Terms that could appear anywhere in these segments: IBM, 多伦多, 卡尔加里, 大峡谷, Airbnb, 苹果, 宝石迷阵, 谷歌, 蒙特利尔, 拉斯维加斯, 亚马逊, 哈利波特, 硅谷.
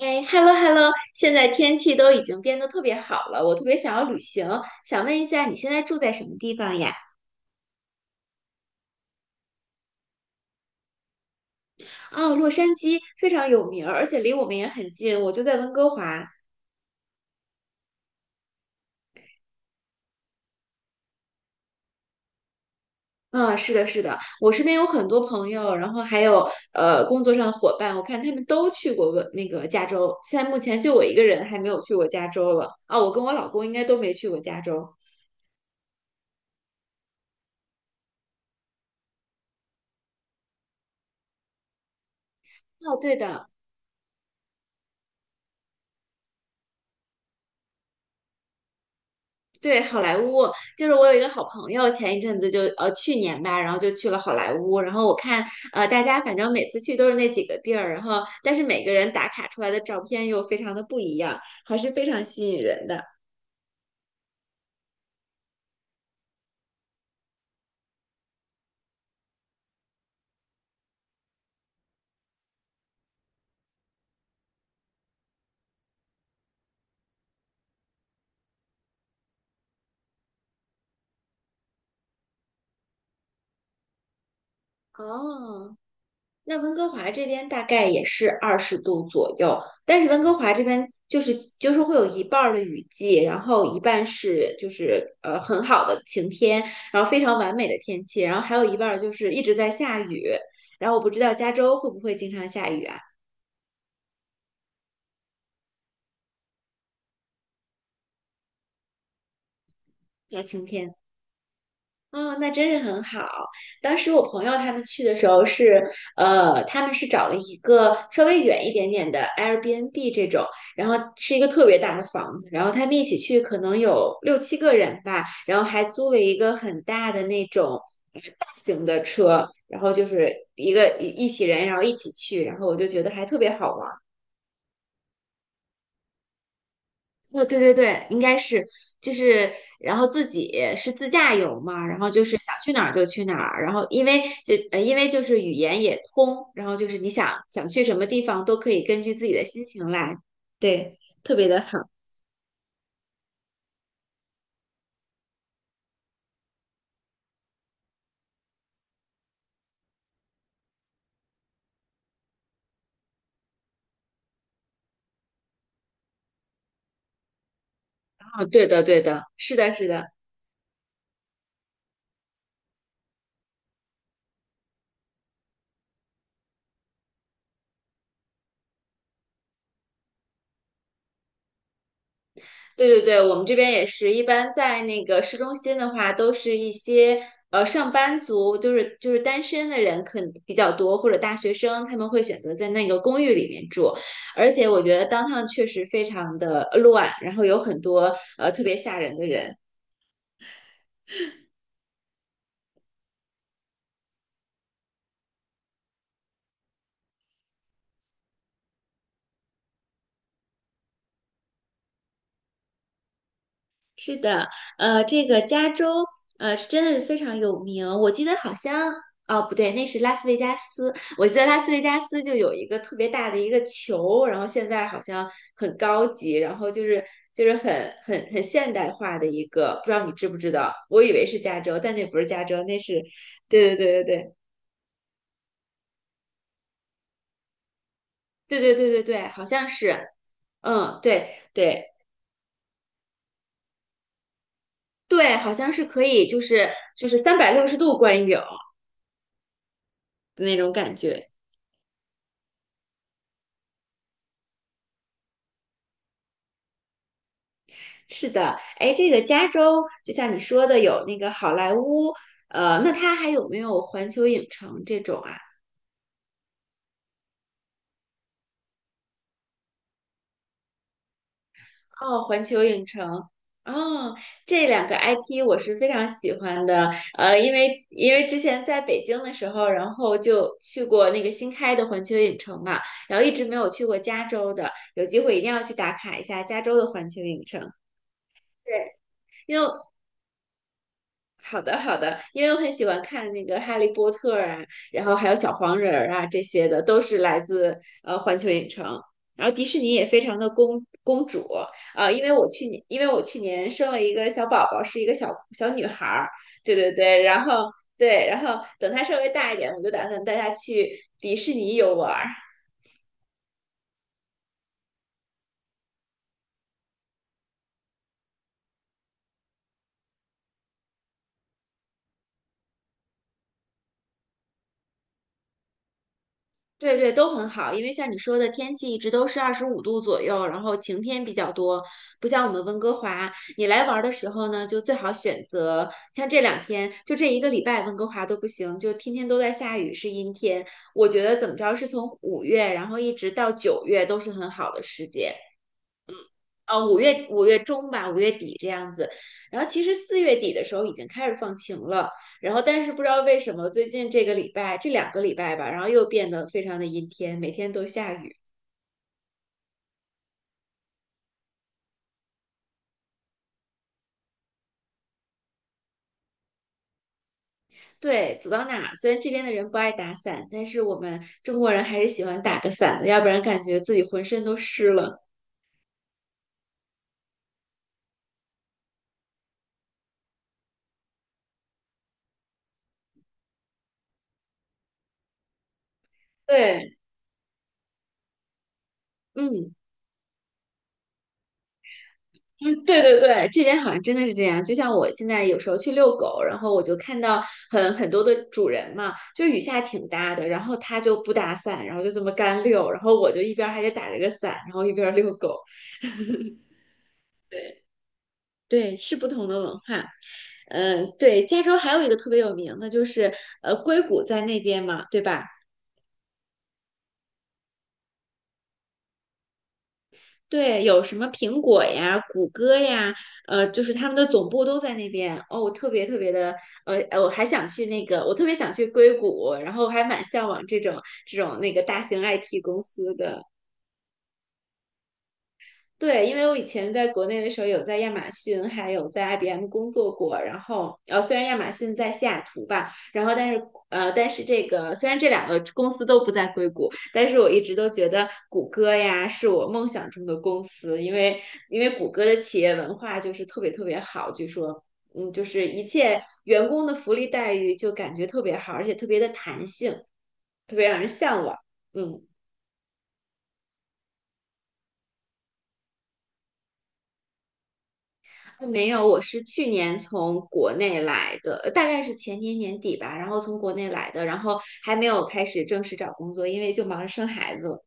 哎，hello hello，现在天气都已经变得特别好了，我特别想要旅行，想问一下你现在住在什么地方呀？哦，洛杉矶非常有名儿，而且离我们也很近，我就在温哥华。嗯，是的，是的，我身边有很多朋友，然后还有工作上的伙伴，我看他们都去过那个加州，现在目前就我一个人还没有去过加州了。啊，我跟我老公应该都没去过加州。哦，对的，对，好莱坞就是我有一个好朋友，前一阵子就去年吧，然后就去了好莱坞。然后我看大家反正每次去都是那几个地儿，然后但是每个人打卡出来的照片又非常的不一样，还是非常吸引人的。哦，那温哥华这边大概也是20度左右，但是温哥华这边就是会有一半儿的雨季，然后一半是就是很好的晴天，然后非常完美的天气，然后还有一半儿就是一直在下雨。然后我不知道加州会不会经常下雨啊？要晴天。哦，那真是很好。当时我朋友他们去的时候是，他们是找了一个稍微远一点点的 Airbnb 这种，然后是一个特别大的房子，然后他们一起去可能有六七个人吧，然后还租了一个很大的那种大型的车，然后就是一个一起人，然后一起去，然后我就觉得还特别好玩。哦，对对对，应该是，就是，然后自己是自驾游嘛，然后就是想去哪儿就去哪儿，然后因为就是语言也通，然后就是你想想去什么地方都可以根据自己的心情来，对，特别的好。啊，对的对的，是的是的。对对对，我们这边也是一般在那个市中心的话，都是一些上班族，就是单身的人可能比较多，或者大学生，他们会选择在那个公寓里面住。而且我觉得 downtown 确实非常的乱，然后有很多特别吓人的人。是的，这个加州，是真的是非常有名。我记得好像，哦，不对，那是拉斯维加斯。我记得拉斯维加斯就有一个特别大的一个球，然后现在好像很高级，然后就是很现代化的一个，不知道你知不知道？我以为是加州，但那不是加州，那是，对对对对对对对对对对，好像是，嗯，对对对，好像是可以，就是360度观影的那种感觉。是的，哎，这个加州就像你说的有那个好莱坞，那它还有没有环球影城这种啊？哦，环球影城，哦，这两个 IP 我是非常喜欢的，因为之前在北京的时候，然后就去过那个新开的环球影城嘛，然后一直没有去过加州的，有机会一定要去打卡一下加州的环球影城。对，因为好的，好的，因为我很喜欢看那个《哈利波特》啊，然后还有小黄人儿啊，这些的都是来自环球影城。然后迪士尼也非常的公主啊，因为我去年生了一个小宝宝，是一个小小女孩儿，对对对，然后对，然后等她稍微大一点，我就打算带她去迪士尼游玩儿。对对，都很好，因为像你说的，天气一直都是25度左右，然后晴天比较多，不像我们温哥华。你来玩儿的时候呢，就最好选择像这两天，就这一个礼拜，温哥华都不行，就天天都在下雨，是阴天。我觉得怎么着，是从五月，然后一直到9月都是很好的时节。五月中吧，5月底这样子。然后其实4月底的时候已经开始放晴了，然后但是不知道为什么最近这个礼拜这两个礼拜吧，然后又变得非常的阴天，每天都下雨。对，走到哪儿虽然这边的人不爱打伞，但是我们中国人还是喜欢打个伞的，要不然感觉自己浑身都湿了。对，嗯。嗯，对对对，这边好像真的是这样。就像我现在有时候去遛狗，然后我就看到很多的主人嘛，就雨下挺大的，然后他就不打伞，然后就这么干遛，然后我就一边儿还得打着个伞，然后一边儿遛狗。对对，是不同的文化。嗯，对，加州还有一个特别有名的就是硅谷在那边嘛，对吧？对，有什么苹果呀、谷歌呀，就是他们的总部都在那边。哦，我特别特别的，我特别想去硅谷，然后还蛮向往这种那个大型 IT 公司的。对，因为我以前在国内的时候有在亚马逊，还有在 IBM 工作过。然后，虽然亚马逊在西雅图吧，然后但是，但是这个虽然这两个公司都不在硅谷，但是我一直都觉得谷歌呀是我梦想中的公司，因为谷歌的企业文化就是特别特别好，据说，嗯，就是一切员工的福利待遇就感觉特别好，而且特别的弹性，特别让人向往。嗯。没有，我是去年从国内来的，大概是前年年底吧，然后从国内来的，然后还没有开始正式找工作，因为就忙着生孩子了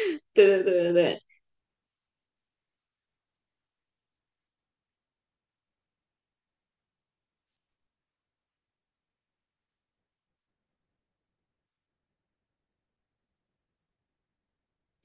对对对对对。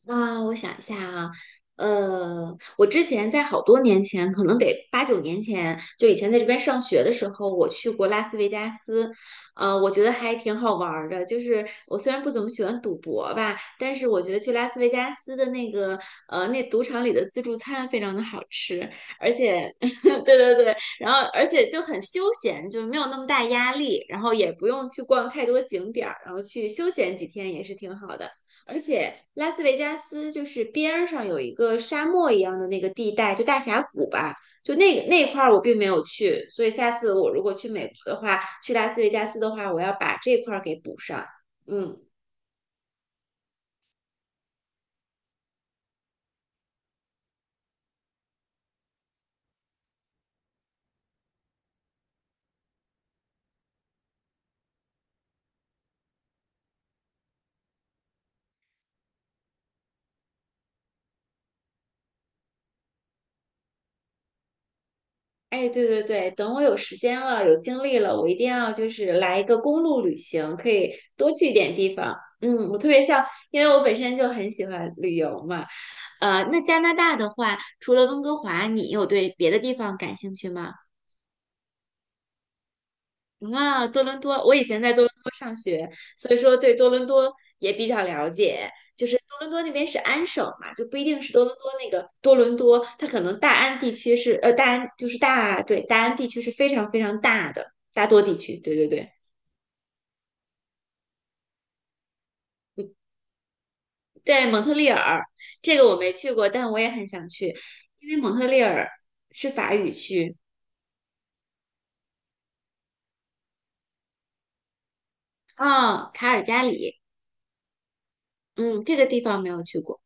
啊，我想一下啊，我之前在好多年前，可能得八九年前，就以前在这边上学的时候，我去过拉斯维加斯，我觉得还挺好玩儿的。就是我虽然不怎么喜欢赌博吧，但是我觉得去拉斯维加斯的那个，那赌场里的自助餐非常的好吃，而且，对对对，然后而且就很休闲，就没有那么大压力，然后也不用去逛太多景点儿，然后去休闲几天也是挺好的。而且拉斯维加斯就是边儿上有一个沙漠一样的那个地带，就大峡谷吧，就那个那块儿我并没有去，所以下次我如果去美国的话，去拉斯维加斯的话，我要把这块儿给补上。嗯，哎，对对对，等我有时间了，有精力了，我一定要就是来一个公路旅行，可以多去一点地方。嗯，我特别像，因为我本身就很喜欢旅游嘛。那加拿大的话，除了温哥华，你有对别的地方感兴趣吗？啊，多伦多，我以前在多伦多上学，所以说对多伦多也比较了解。就是多伦多那边是安省嘛，就不一定是多伦多那个多伦多，它可能大安地区是大安地区是非常非常大的大多地区，对对对，嗯，对，蒙特利尔这个我没去过，但我也很想去，因为蒙特利尔是法语区啊，卡尔加里，嗯，这个地方没有去过。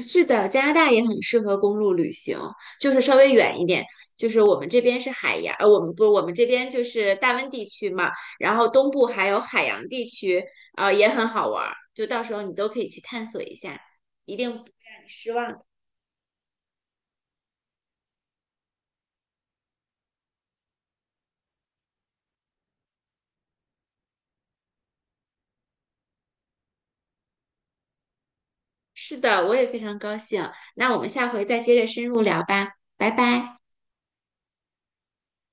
是的，加拿大也很适合公路旅行，就是稍微远一点。就是我们这边是海洋，我们不是我们这边就是大温地区嘛，然后东部还有海洋地区，啊，也很好玩儿。就到时候你都可以去探索一下，一定不会让你失望的。是的，我也非常高兴。那我们下回再接着深入聊吧，拜拜。